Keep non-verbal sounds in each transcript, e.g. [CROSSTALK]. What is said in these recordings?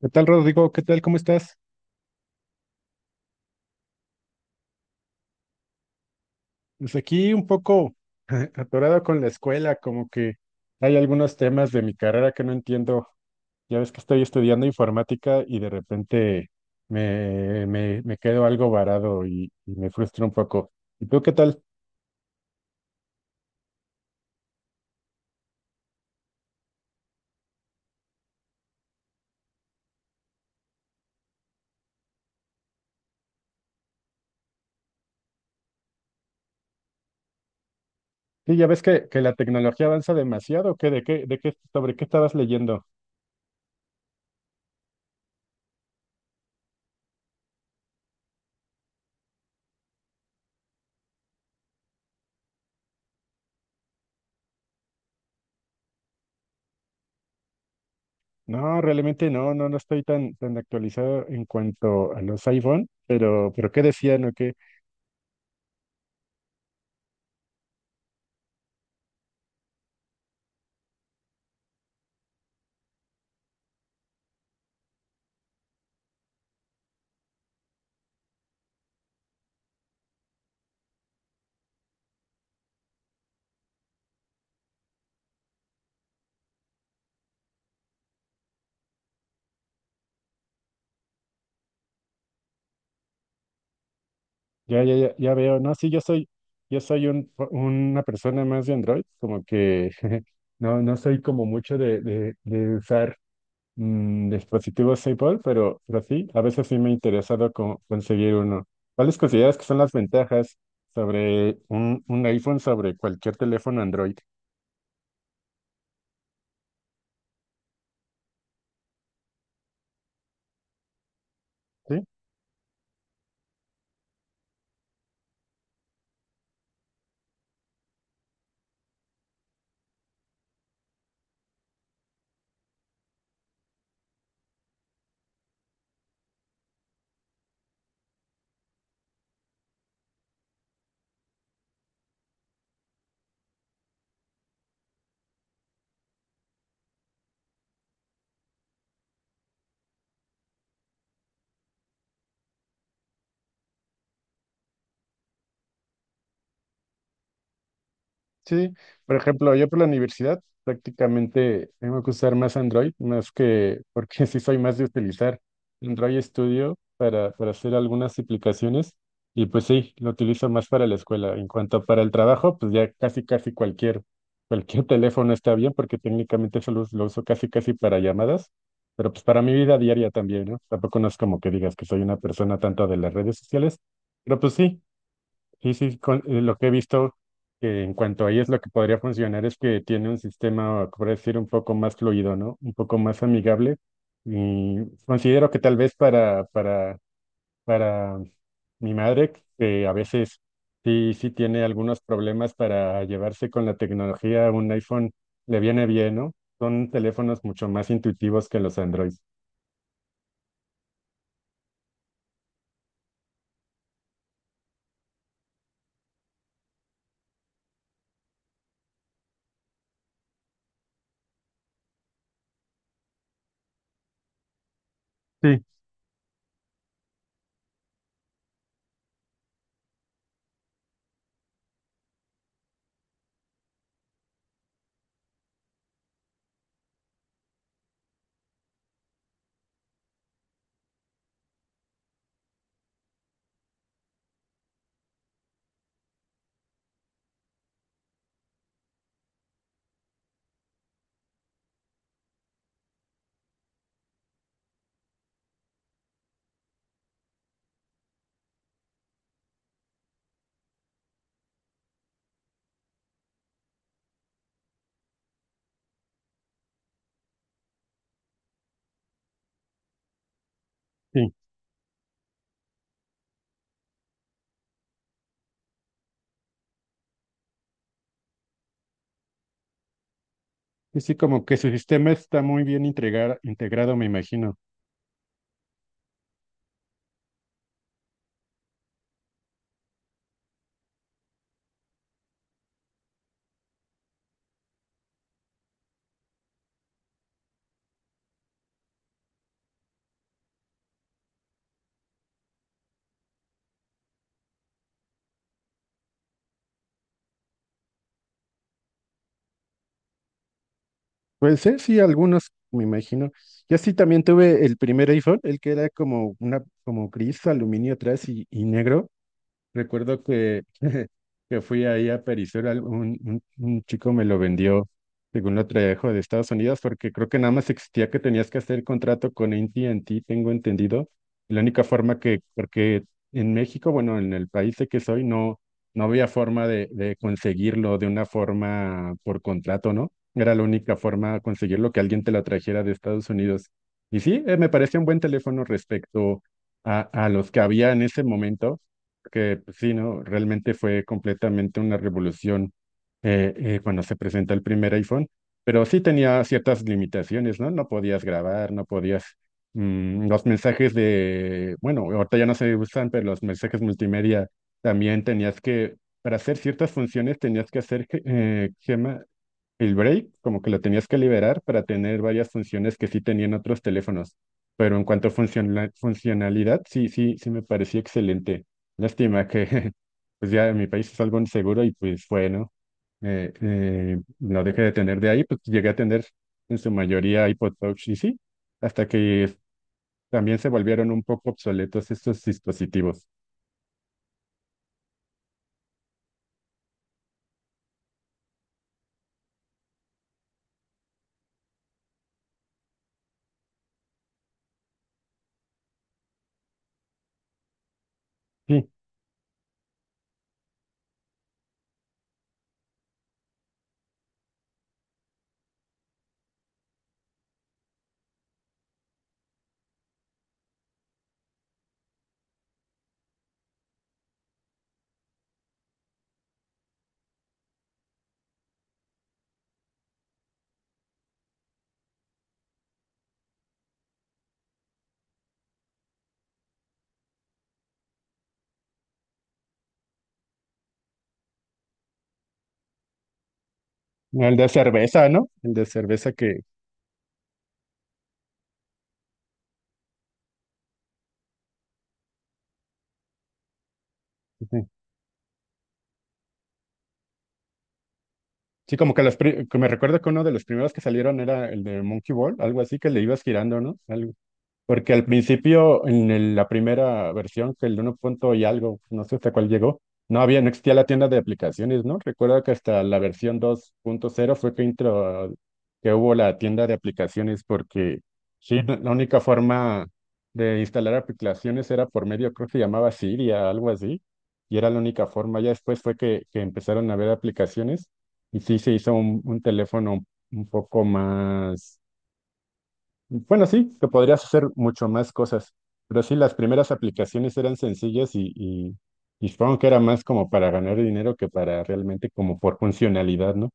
¿Qué tal, Rodrigo? ¿Qué tal? ¿Cómo estás? Pues aquí un poco [LAUGHS] atorado con la escuela, como que hay algunos temas de mi carrera que no entiendo. Ya ves que estoy estudiando informática y de repente me quedo algo varado y me frustro un poco. ¿Y tú qué tal? Sí, ya ves que la tecnología avanza demasiado, ¿o qué? ¿De qué, de qué, sobre qué estabas leyendo? No, realmente no estoy tan actualizado en cuanto a los iPhone, pero ¿qué decían o qué? Ya, ya, ya, ya veo. No, sí, yo soy una persona más de Android, como que [LAUGHS] no soy como mucho de, de usar dispositivos Apple, pero sí, a veces sí me ha interesado conseguir uno. ¿Cuáles consideras que son las ventajas sobre un iPhone sobre cualquier teléfono Android? Sí. Sí, por ejemplo, yo por la universidad prácticamente tengo que usar más Android, más que porque [LAUGHS] sí soy más de utilizar Android Studio para hacer algunas aplicaciones y pues sí, lo utilizo más para la escuela. En cuanto para el trabajo, pues ya casi casi [LAUGHS] cualquier teléfono está bien porque técnicamente solo lo uso casi casi para llamadas, pero pues para mi vida diaria también, ¿no? Tampoco no es como que digas que soy una persona tanto de las redes sociales, pero pues sí. Sí, lo que he visto que en cuanto a ellos lo que podría funcionar es que tiene un sistema, por decir, un poco más fluido, ¿no? Un poco más amigable. Y considero que tal vez para mi madre, que a veces sí tiene algunos problemas para llevarse con la tecnología, un iPhone le viene bien, ¿no? Son teléfonos mucho más intuitivos que los Android. Sí, sí. Y sí, como que su sistema está muy bien integrado, me imagino. Puede ser, sí, algunos, me imagino. Yo sí también tuve el primer iPhone, el que era como una, como gris, aluminio atrás y negro. Recuerdo que, [LAUGHS] que fui ahí a Perisur, un chico me lo vendió, según lo trajo de Estados Unidos, porque creo que nada más existía que tenías que hacer contrato con AT&T, tengo entendido. La única forma que, porque en México, bueno, en el país de que soy, no, no había forma de conseguirlo de una forma por contrato, ¿no? Era la única forma de conseguirlo que alguien te lo trajera de Estados Unidos. Y sí, me parecía un buen teléfono respecto a los que había en ese momento que pues, sí, ¿no? Realmente fue completamente una revolución cuando se presentó el primer iPhone, pero sí tenía ciertas limitaciones, ¿no? No podías grabar, no podías... los mensajes de, bueno, ahorita ya no se usan, pero los mensajes multimedia también tenías que, para hacer ciertas funciones tenías que hacer, ¿qué se llama? El break, como que lo tenías que liberar para tener varias funciones que sí tenían otros teléfonos. Pero en cuanto a funcionalidad, sí, sí, sí me parecía excelente. Lástima que [LAUGHS] pues ya en mi país es algo inseguro y pues bueno no dejé de tener de ahí, pues llegué a tener en su mayoría iPod Touch y sí, hasta que también se volvieron un poco obsoletos estos dispositivos. Sí, el de cerveza, ¿no? El de cerveza que... Sí, sí, como que los que me recuerdo que uno de los primeros que salieron era el de Monkey Ball, algo así que le ibas girando, ¿no? Algo. Porque al principio, en la primera versión, que el uno punto y algo, no sé hasta cuál llegó, no había, no existía la tienda de aplicaciones, ¿no? Recuerdo que hasta la versión dos punto cero fue que que hubo la tienda de aplicaciones, porque sí, la única forma de instalar aplicaciones era por medio, creo que se llamaba Siria, algo así, y era la única forma. Ya después fue que empezaron a ver aplicaciones, y sí se hizo un teléfono un poco más bueno, sí, que podrías hacer mucho más cosas, pero sí, las primeras aplicaciones eran sencillas y supongo que era más como para ganar dinero que para realmente como por funcionalidad, ¿no?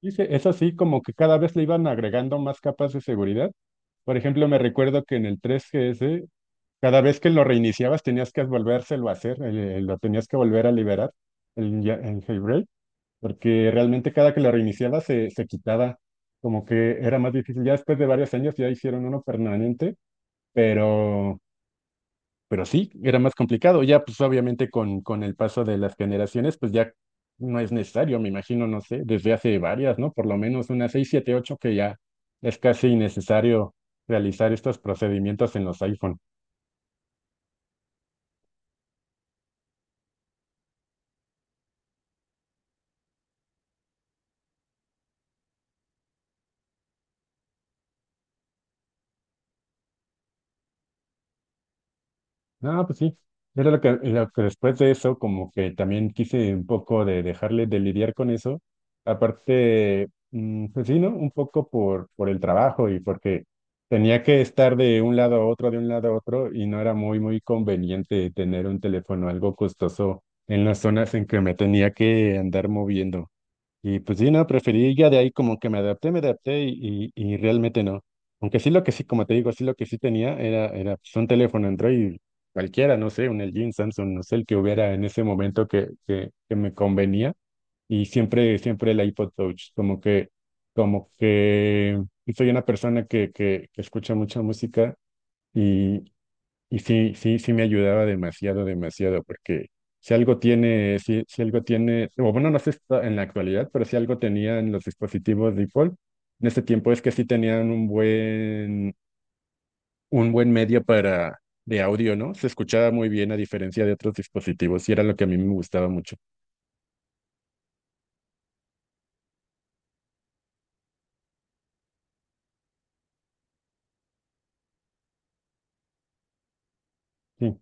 Y es así como que cada vez le iban agregando más capas de seguridad. Por ejemplo, me recuerdo que en el 3GS, cada vez que lo reiniciabas tenías que volvérselo a hacer, lo tenías que volver a liberar, el jailbreak, porque realmente cada que lo reiniciabas se, se quitaba como que era más difícil. Ya después de varios años ya hicieron uno permanente. Pero, pero sí, era más complicado. Ya, pues obviamente con el paso de las generaciones, pues ya no es necesario, me imagino, no sé, desde hace varias, ¿no? Por lo menos unas seis, siete, ocho que ya es casi innecesario realizar estos procedimientos en los iPhone. No, pues sí. Era lo que después de eso, como que también quise un poco de dejarle de lidiar con eso. Aparte, pues sí, ¿no? Un poco por el trabajo y porque tenía que estar de un lado a otro, de un lado a otro, y no era muy, muy conveniente tener un teléfono algo costoso en las zonas en que me tenía que andar moviendo. Y pues sí, no, preferí ya de ahí como que me adapté y realmente no. Aunque sí lo que sí, como te digo, sí lo que sí tenía era, era pues, un teléfono Android cualquiera, no sé, un LG, un Samsung, no sé, el que hubiera en ese momento que me convenía. Y siempre, siempre el iPod Touch, como que pues, soy una persona que escucha mucha música y y sí, sí, sí me ayudaba demasiado, demasiado, porque si algo tiene, si, si algo tiene, o bueno, no sé si está en la actualidad, pero si algo tenía en los dispositivos default, en ese tiempo es que sí tenían un buen medio para, de audio, ¿no? Se escuchaba muy bien a diferencia de otros dispositivos y era lo que a mí me gustaba mucho. Sí.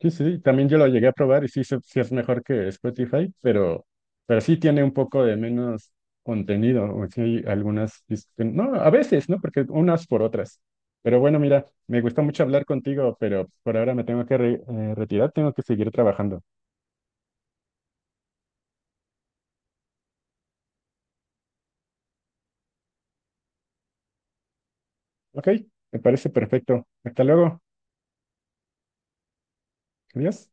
Sí, sí, también yo lo llegué a probar y sí, sí es mejor que Spotify, pero sí tiene un poco de menos contenido, o sí hay algunas, no, a veces, ¿no? Porque unas por otras. Pero bueno, mira, me gustó mucho hablar contigo, pero por ahora me tengo que retirar, tengo que seguir trabajando. Ok, me parece perfecto. Hasta luego. Adiós.